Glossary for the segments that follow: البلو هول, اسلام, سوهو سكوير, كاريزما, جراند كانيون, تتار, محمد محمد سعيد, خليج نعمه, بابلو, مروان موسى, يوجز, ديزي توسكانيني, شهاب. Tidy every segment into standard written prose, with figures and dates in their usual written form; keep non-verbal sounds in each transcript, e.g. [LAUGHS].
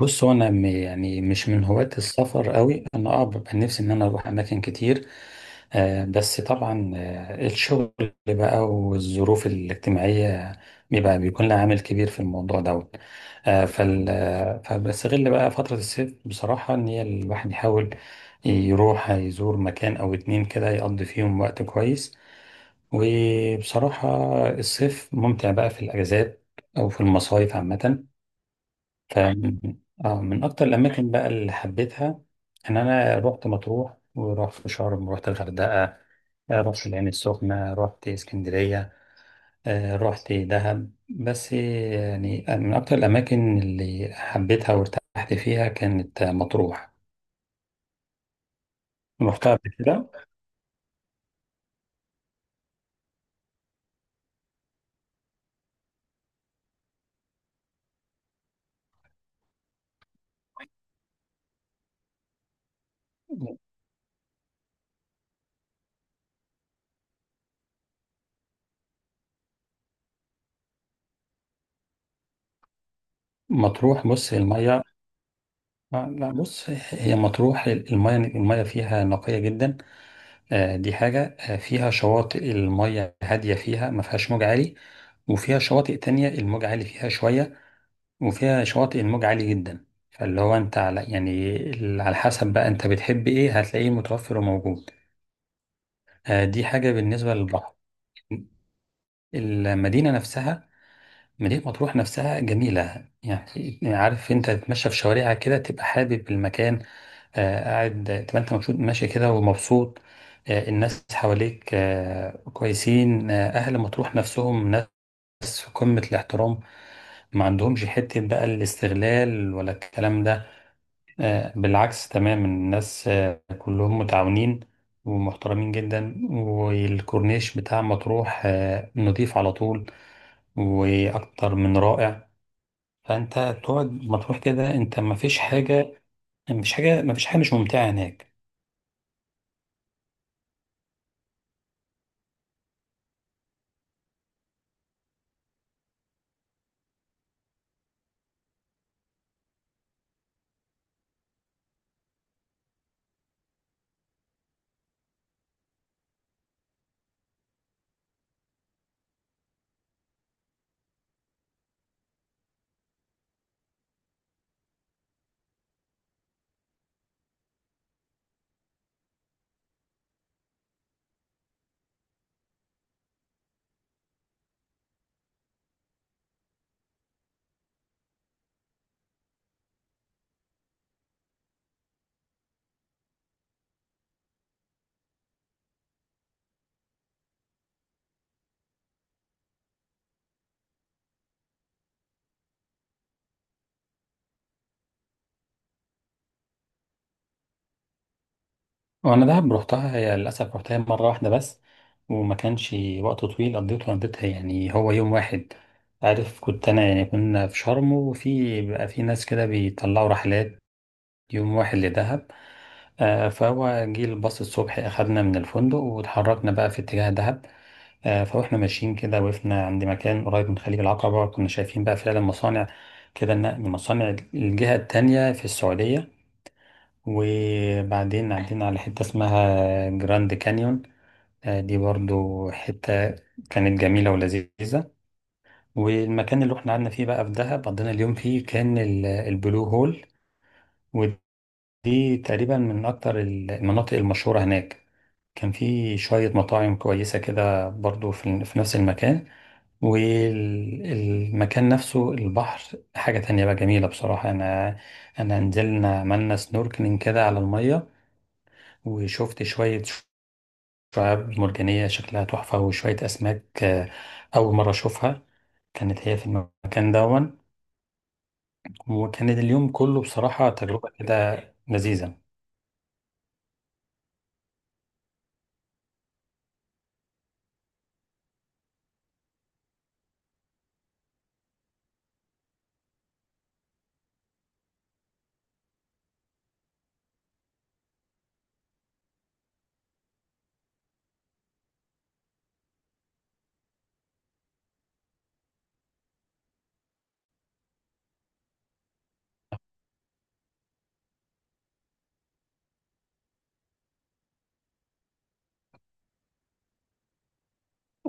بص، يعني مش من هواة السفر قوي، انا ببقى نفسي ان انا اروح اماكن كتير. بس طبعا الشغل بقى، والظروف الاجتماعية بيبقى بيكون لها عامل كبير في الموضوع دوت. آه فال آه، فبستغل بقى فترة الصيف بصراحة، ان هي الواحد يحاول يروح يزور مكان او اتنين كده يقضي فيهم وقت كويس. وبصراحة، الصيف ممتع بقى في الاجازات او في المصايف عامة. ف اه من اكتر الاماكن بقى اللي حبيتها ان انا رحت مطروح، ورحت شرم، ورحت الغردقه، رحت العين السخنه، رحت اسكندريه، رحت دهب. بس يعني من اكتر الاماكن اللي حبيتها وارتحت فيها كانت مطروح. رحتها قبل كده. مطروح، بص الميه، لا بص هي مطروح الميه فيها نقيه جدا. دي حاجة. فيها شواطئ المية هادية فيها، ما فيهاش موج عالي، وفيها شواطئ تانية الموج عالي فيها شوية، وفيها شواطئ الموج عالي جدا. فاللي هو انت على يعني على حسب بقى انت بتحب ايه هتلاقيه متوفر وموجود. دي حاجة بالنسبة للبحر. المدينة نفسها، مدينة مطروح نفسها جميلة، يعني عارف انت تتمشى في شوارعها كده تبقى حابب المكان. قاعد تبقى انت مبسوط ماشي كده ومبسوط. الناس حواليك كويسين. اهل مطروح نفسهم ناس في قمة الاحترام، ما عندهمش حتة بقى الاستغلال ولا الكلام ده. بالعكس تماما، الناس كلهم متعاونين ومحترمين جدا. والكورنيش بتاع مطروح نضيف على طول، وأكتر من رائع. فأنت تقعد مطروح كده أنت مفيش حاجة مش ممتعة هناك. وأنا دهب روحتها، هي للأسف روحتها مرة واحدة بس، وما كانش وقت طويل قضيتها، يعني هو يوم واحد. عارف، كنت أنا يعني كنا في شرم، وفي بقى في ناس كده بيطلعوا رحلات يوم واحد لدهب. فهو جه الباص الصبح أخدنا من الفندق، واتحركنا بقى في اتجاه دهب. فاحنا ماشيين كده، وقفنا عند مكان قريب من خليج العقبة، كنا شايفين بقى فعلا مصانع كده، النقل من مصانع الجهة التانية في السعودية. وبعدين عدينا على حتة اسمها جراند كانيون. دي برضو حتة كانت جميلة ولذيذة. والمكان اللي احنا قعدنا فيه بقى في دهب قضينا اليوم فيه كان البلو هول، ودي تقريبا من أكتر المناطق المشهورة هناك. كان في شوية مطاعم كويسة كده برضو في نفس المكان. والمكان نفسه البحر حاجة تانية بقى جميلة بصراحة. أنا نزلنا عملنا سنوركلينج كده على المية، وشفت شوية شعاب مرجانية شكلها تحفة، وشوية أسماك أول مرة أشوفها كانت هي في المكان دون. وكان اليوم كله بصراحة تجربة كده لذيذة.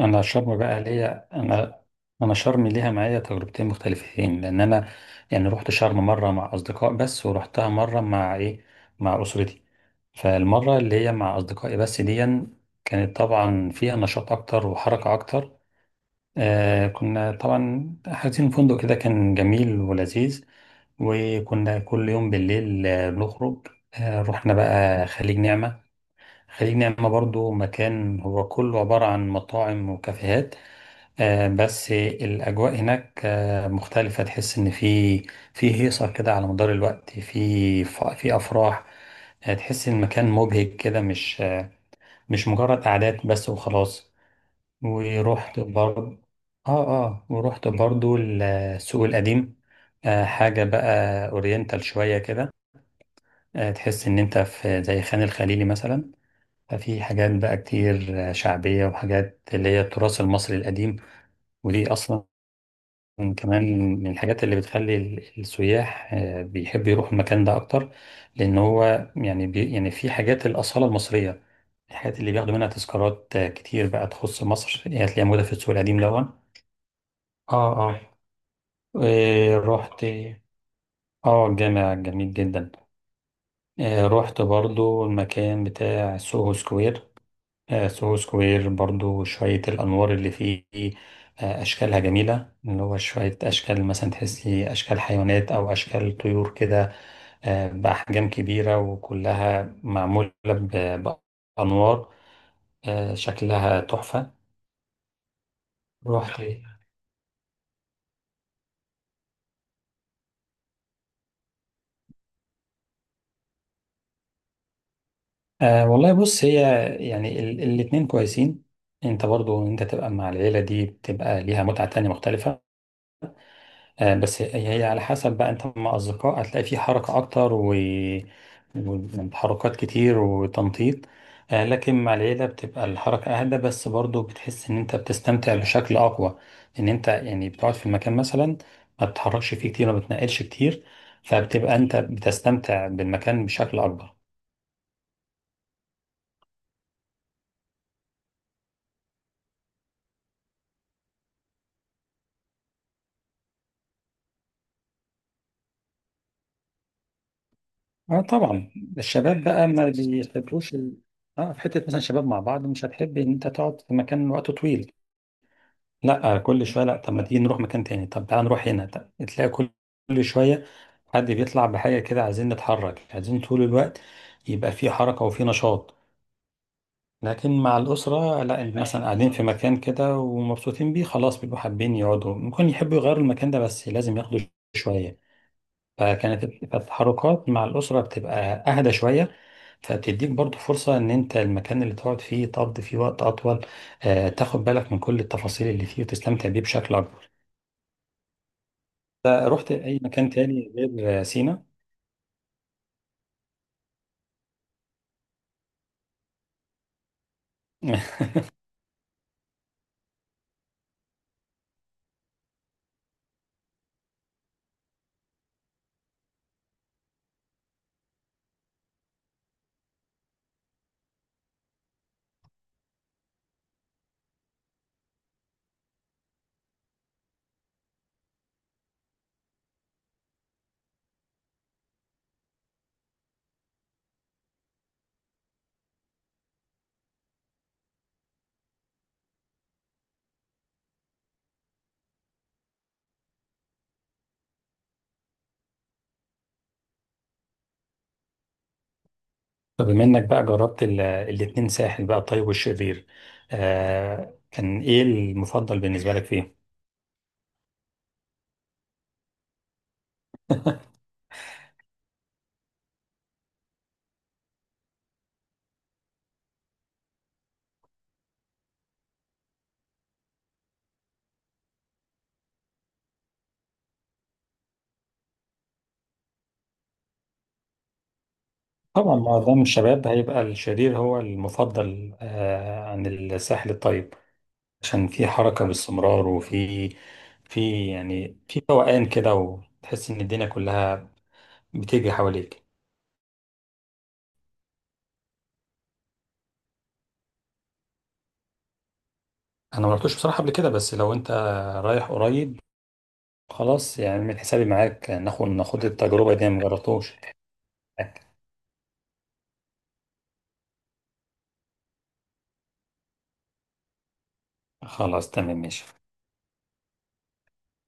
انا شرم بقى ليا، انا شرم ليها معايا تجربتين مختلفتين، لان انا يعني رحت شرم مره مع اصدقاء بس، ورحتها مره مع اسرتي. فالمره اللي هي مع اصدقائي بس دي كانت طبعا فيها نشاط اكتر وحركه اكتر. كنا طبعا حاجزين فندق كده، كان جميل ولذيذ. وكنا كل يوم بالليل بنخرج. رحنا بقى خليج نعمه. خليج نعمه برضو مكان هو كله عباره عن مطاعم وكافيهات. بس الأجواء هناك مختلفة، تحس إن في هيصة كده على مدار الوقت، في في أفراح. تحس إن المكان مبهج كده، مش مش مجرد قعدات بس وخلاص. ورحت برضه ورحت برضه السوق القديم. حاجة بقى أورينتال شوية كده. تحس إن أنت في زي خان الخليلي مثلا. ففي حاجات بقى كتير شعبية، وحاجات اللي هي التراث المصري القديم. ودي أصلا كمان من الحاجات اللي بتخلي السياح بيحبوا يروحوا المكان ده اكتر، لان هو يعني يعني في حاجات الاصاله المصريه، الحاجات اللي بياخدوا منها تذكارات كتير بقى تخص مصر، هي هتلاقيها موجوده في السوق القديم الاول. اه. اه. آه، رحت. اه، الجامع جميل جدا. رحت برضو المكان بتاع سوهو سكوير. سوهو سكوير برضو شوية الأنوار اللي فيه أشكالها جميلة، اللي هو شوية أشكال مثلا تحسي أشكال حيوانات أو أشكال طيور كده بأحجام كبيرة، وكلها معمولة بأنوار شكلها تحفة. رحت آه والله، بص هي يعني الاتنين كويسين. انت برضو انت تبقى مع العيلة دي بتبقى ليها متعة تانية مختلفة. بس هي على حسب بقى، انت مع اصدقاء هتلاقي في حركة اكتر وتحركات كتير وتنطيط. لكن مع العيلة بتبقى الحركة اهدى، بس برضو بتحس ان انت بتستمتع بشكل اقوى، ان انت يعني بتقعد في المكان مثلا، ما بتتحركش فيه كتير ما بتنقلش كتير، فبتبقى انت بتستمتع بالمكان بشكل اكبر. اه طبعا. الشباب بقى ما بيحبوش اه، في حتة مثلا شباب مع بعض مش هتحب ان انت تقعد في مكان وقت طويل. لا كل شويه، لا، طب ما تيجي نروح مكان تاني، طب تعالى نروح هنا، طب تلاقي كل شويه حد بيطلع بحاجه كده، عايزين نتحرك، عايزين طول الوقت يبقى في حركه وفي نشاط. لكن مع الاسره لا، إن مثلا قاعدين في مكان كده ومبسوطين بيه خلاص، بيبقوا حابين يقعدوا، ممكن يحبوا يغيروا المكان ده بس لازم ياخدوا شويه. فكانت التحركات مع الاسره بتبقى اهدى شويه، فبتديك برضو فرصة إن أنت المكان اللي تقعد فيه تقضي فيه وقت أطول، تاخد بالك من كل التفاصيل اللي فيه وتستمتع بيه بشكل أكبر. رحت اي مكان تاني غير سينا؟ [LAUGHS] طب بما انك بقى جربت الاتنين، ساحل بقى الطيب والشرير، كان ايه المفضل بالنسبة لك فيه؟ طبعا معظم الشباب هيبقى الشرير هو المفضل عن الساحل الطيب، عشان في حركة باستمرار، وفي في فوقان كده، وتحس ان الدنيا كلها بتجري حواليك. انا ما رحتوش بصراحة قبل كده، بس لو انت رايح قريب خلاص، يعني من حسابي معاك، ناخد التجربة دي، أنا ما جربتوش. خلاص تمام ماشي.